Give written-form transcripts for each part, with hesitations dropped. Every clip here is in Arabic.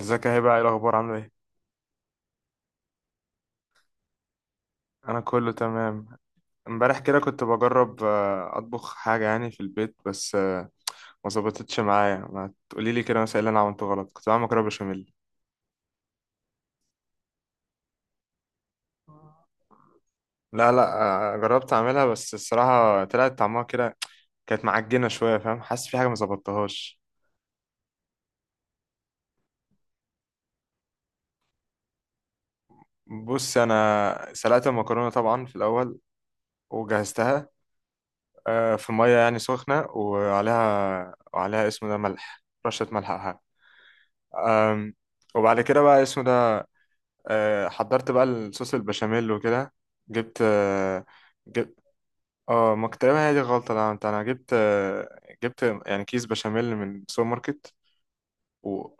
ازيك يا هبه؟ ايه الاخبار، عامله ايه؟ انا كله تمام. امبارح كده كنت بجرب اطبخ حاجه يعني في البيت، بس ما ظبطتش معايا. ما تقولي لي كده مثلا إيه اللي انا عملته غلط. كنت بعمل مكرونه بشاميل. لا، جربت اعملها، بس الصراحه طلعت طعمها كده. كانت معجنه شويه، فاهم؟ حاسس في حاجه ما ظبطتهاش. بص، انا سلقت المكرونه طبعا في الاول، وجهزتها. في ميه يعني سخنه، وعليها اسمه ده ملح، رشه ملح أو حاجة. أم، وبعد كده بقى اسمه ده حضرت بقى الصوص البشاميل وكده. جبت آه، جبت اه، ما كنت تقريبا هي دي الغلطة اللي عملتها. انا جبت، يعني كيس بشاميل من السوبر ماركت. و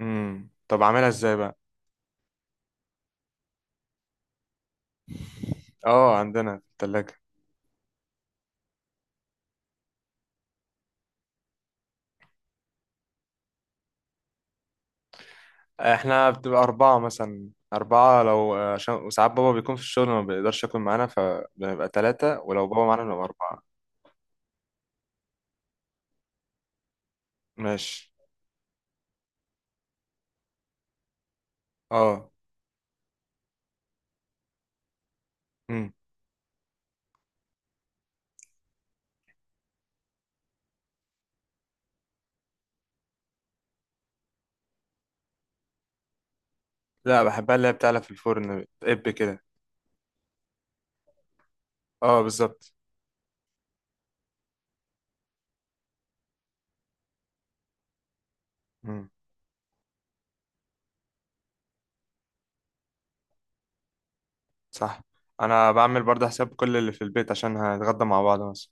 مم. طب اعملها ازاي بقى؟ اه، عندنا في التلاجة. احنا بتبقى أربعة مثلا، أربعة لو عشان وساعات بابا بيكون في الشغل، ما بيقدرش يكون معانا، فبنبقى تلاتة، ولو بابا معانا بنبقى أربعة. ماشي. اه. مم. لا، بحبها اللي هي بتعلى في الفرن، بتقب كده. اه بالظبط. مم. صح. انا بعمل برضه حساب كل اللي في البيت عشان هنتغدى مع بعض مثلا.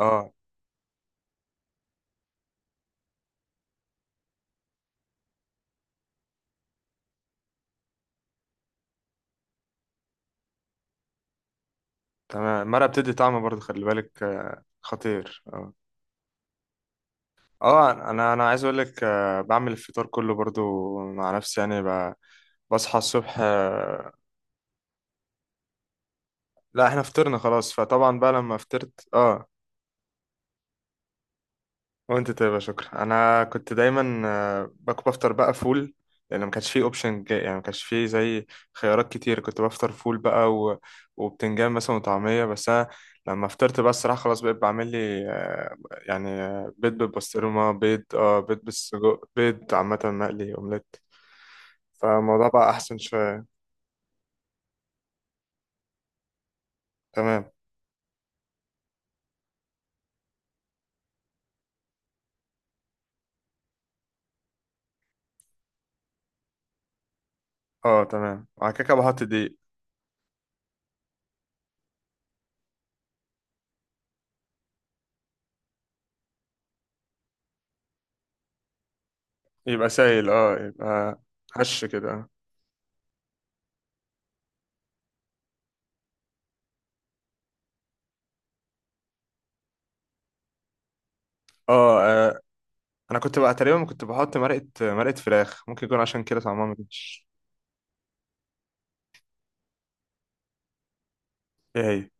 اه تمام. المرقه بتدي طعم برضه، خلي بالك، خطير اه. اه، انا عايز اقول لك بعمل الفطار كله برضه مع نفسي. بصحى الصبح لا احنا فطرنا خلاص، فطبعا بقى لما فطرت اه، وانت طيب، يا شكرا. انا كنت دايما باكل، بفطر بقى فول، لان ما كانش فيه اوبشن، يعني ما كانش فيه خيارات كتير. كنت بفطر فول بقى و... وبتنجان مثلا وطعميه. بس انا لما فطرت بقى الصراحه خلاص بقيت بعمل لي يعني بيض بالبسطرمه، بيض اه بيض بالسجق، بيض عامه مقلي اومليت. فالموضوع بقى احسن شويه. تمام. اه تمام، وبعد كده بحط دقيق. يبقى سايل، اه يبقى هش كده. اه انا كنت بقى تقريبا كنت بحط مرقه فراخ، ممكن يكون عشان كده طعمها ما كانش. ايه هي؟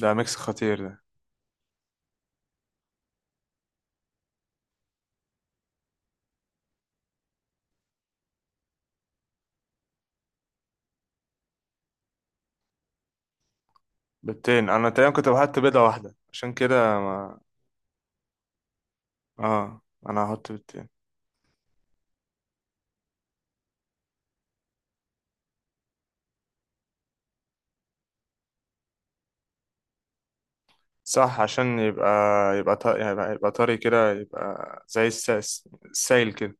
ده ميكس خطير ده. بيضتين؟ انا تقريبا كنت بحط بيضه واحده، عشان كده ما... اه، انا هحط بيضتين. صح، عشان يبقى يبقى طري كده، يبقى زي الساس السايل كده.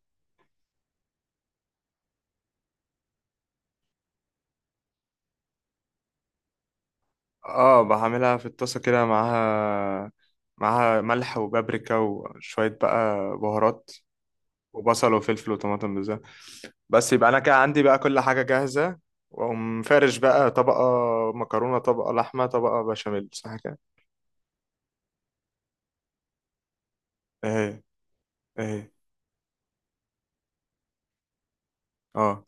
اه بعملها في الطاسه كده معاها، معاها ملح وبابريكا وشويه بقى بهارات. وبصل وفلفل وطماطم بالذات. بس يبقى انا كده عندي بقى كل حاجه جاهزه. واقوم فارش بقى طبقه مكرونه، طبقه لحمه، طبقه بشاميل، صح كده؟ اهي اهي. اه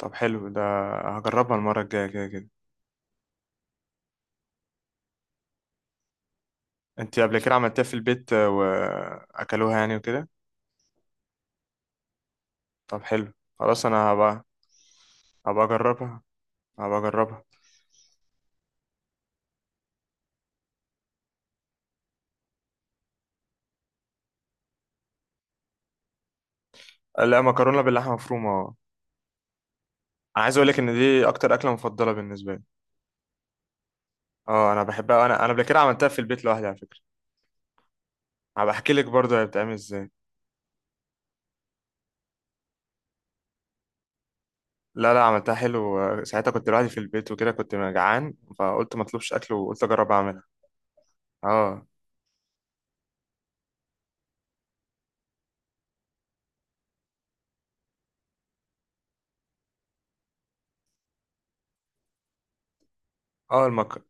طب حلو ده، هجربها المره الجايه كده كده. انت قبل كده عملتها في البيت، واكلوها يعني وكده؟ طب حلو. خلاص انا هبقى، هبقى اجربها، هبقى اجربها. لا، مكرونه باللحمه مفرومه، اه. انا عايز اقول لك ان دي اكتر اكله مفضله بالنسبه لي. اه انا بحبها. انا قبل كده عملتها في البيت لوحدي على فكره. هبقى احكي لك برضه هي بتتعمل ازاي. لا، عملتها حلو ساعتها كنت لوحدي في البيت وكده، كنت جعان فقلت ما اطلبش اكل، وقلت اجرب اعملها. اه. اه.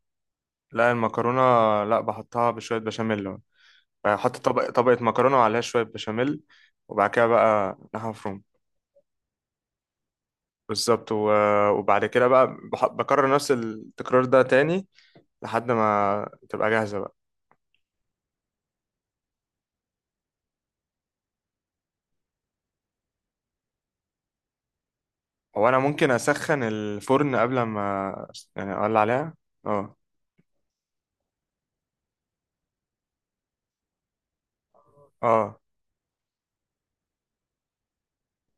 لا، المكرونه. لا، بحطها بشويه بشاميل يعني. بحط طبقه مكرونه وعليها شويه بشاميل. وبعد كده بقى لحمه مفرومه. بالظبط، و... وبعد كده بقى بكرر نفس التكرار ده تاني، لحد ما تبقى جاهزه بقى. هو انا ممكن اسخن الفرن قبل ما، يعني اولع عليها؟ اه. اه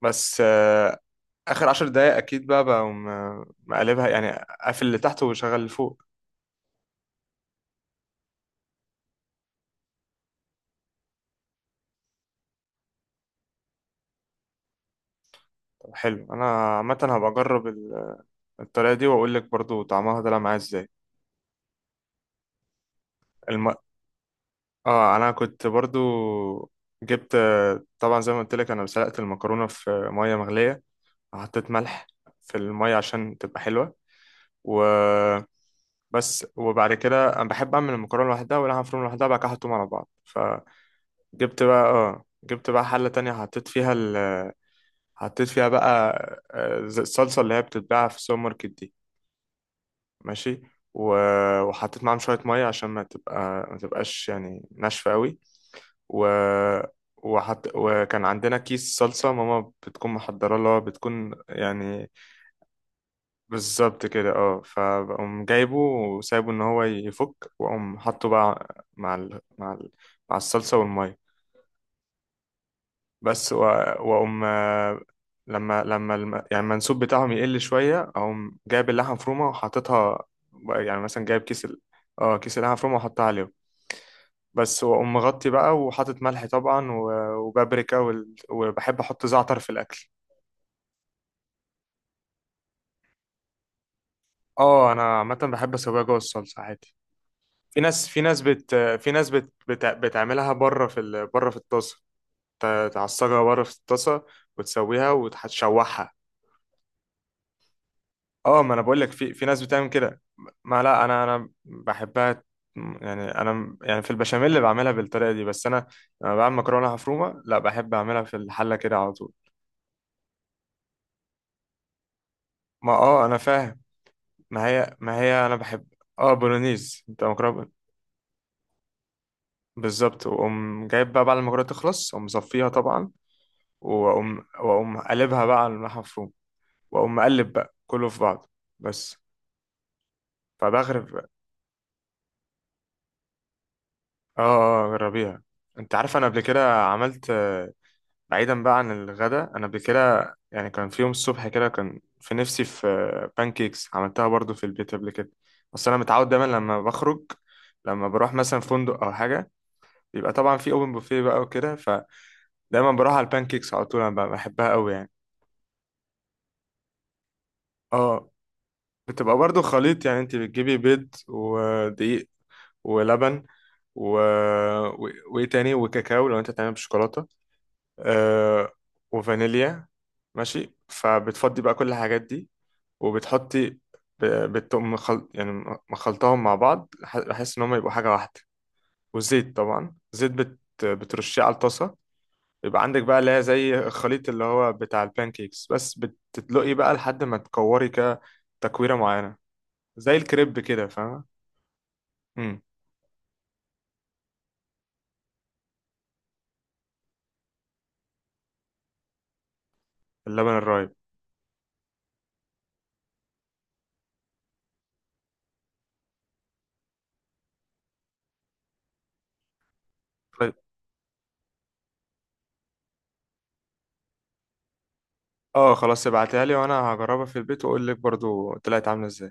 بس اخر عشر دقايق اكيد بقى بقوم مقلبها، يعني اقفل اللي تحت وشغل اللي فوق. طب حلو، انا عامه هبقى اجرب الطريقه دي واقول لك برضو طعمها طلع معايا ازاي. الم... اه انا كنت برضو جبت آه، طبعا زي ما قلت لك، انا سلقت المكرونه في ميه مغليه، وحطيت ملح في الميه عشان تبقى حلوه. و بس. وبعد كده انا بحب اعمل المكرونه لوحدها واللحمه مفرومه لوحدها، بعد كده احطهم على بعض. فجبت بقى، اه جبت بقى حله تانية حطيت فيها، حطيت فيها بقى الصلصة اللي هي بتتباع في السوبر ماركت دي. ماشي. وحطيت معاهم شوية مية عشان ما تبقاش يعني ناشفة قوي. و... وكان عندنا كيس صلصة ماما بتكون محضرة، اللي هو بتكون يعني بالظبط كده. اه، فبقوم جايبه وسايبه ان هو يفك، واقوم حاطه بقى مع الصلصة والمية. بس واقوم يعني المنسوب بتاعهم يقل شويه، اقوم جايب اللحمه مفرومه وحاططها، يعني مثلا جايب اه كيس اللحمه مفرومه وحطها عليهم. بس، واقوم مغطي بقى وحاطط ملح طبعا وبابريكا وبحب احط زعتر في الاكل. اه انا عامه بحب اسويها جوه الصلصه عادي. في ناس في ناس بت في ناس بت... بت... بتعملها بره بره في الطاسه، تعصجها بره في الطاسه وتسويها وتشوحها. اه، ما انا بقول لك، في ناس بتعمل كده. ما لا انا انا بحبها، يعني انا يعني في البشاميل اللي بعملها بالطريقه دي، بس انا لما بعمل مكرونه مفرومه لا، بحب اعملها في الحله كده على طول. ما اه انا فاهم. ما هي انا بحب اه بولونيز، انت مكرونه بالظبط. واقوم جايب بقى بعد ما المكرونه تخلص، اقوم مصفيها طبعا، واقوم قلبها بقى على الملح المفروم، واقوم مقلب بقى كله في بعضه. بس، فبغرب. اه. اه جربيها. انت عارف انا قبل كده عملت، بعيدا بقى عن الغداء، انا قبل كده يعني كان في يوم الصبح كده كان في نفسي في بانكيكس، عملتها برضو في البيت قبل كده. بس انا متعود دايما لما بخرج، لما بروح مثلا فندق او حاجه، بيبقى طبعا في اوبن بوفيه بقى وكده، فدايما بروح على البانكيكس على طول. انا بقى بحبها قوي يعني. اه. بتبقى برضو خليط، يعني انت بتجيبي بيض ودقيق ولبن و... و... وايه تاني، وكاكاو لو انت تعمل بشوكولاته آه... وفانيليا. ماشي. فبتفضي بقى كل الحاجات دي، وبتحطي ب- بتقوم يعني مخلطاهم مع بعض بحيث ان هم يبقوا حاجه واحده. والزيت طبعا، بترشيه على الطاسه. يبقى عندك بقى اللي هي زي الخليط اللي هو بتاع البانكيكس، بس بتدلقي بقى لحد ما تكوري كده، تكويره معينه، زي الكريب كده، فاهمه؟ امم. اللبن الرايب. طيب اه، خلاص ابعتها لي وانا هجربها في البيت، واقول لك برضو طلعت عامله ازاي.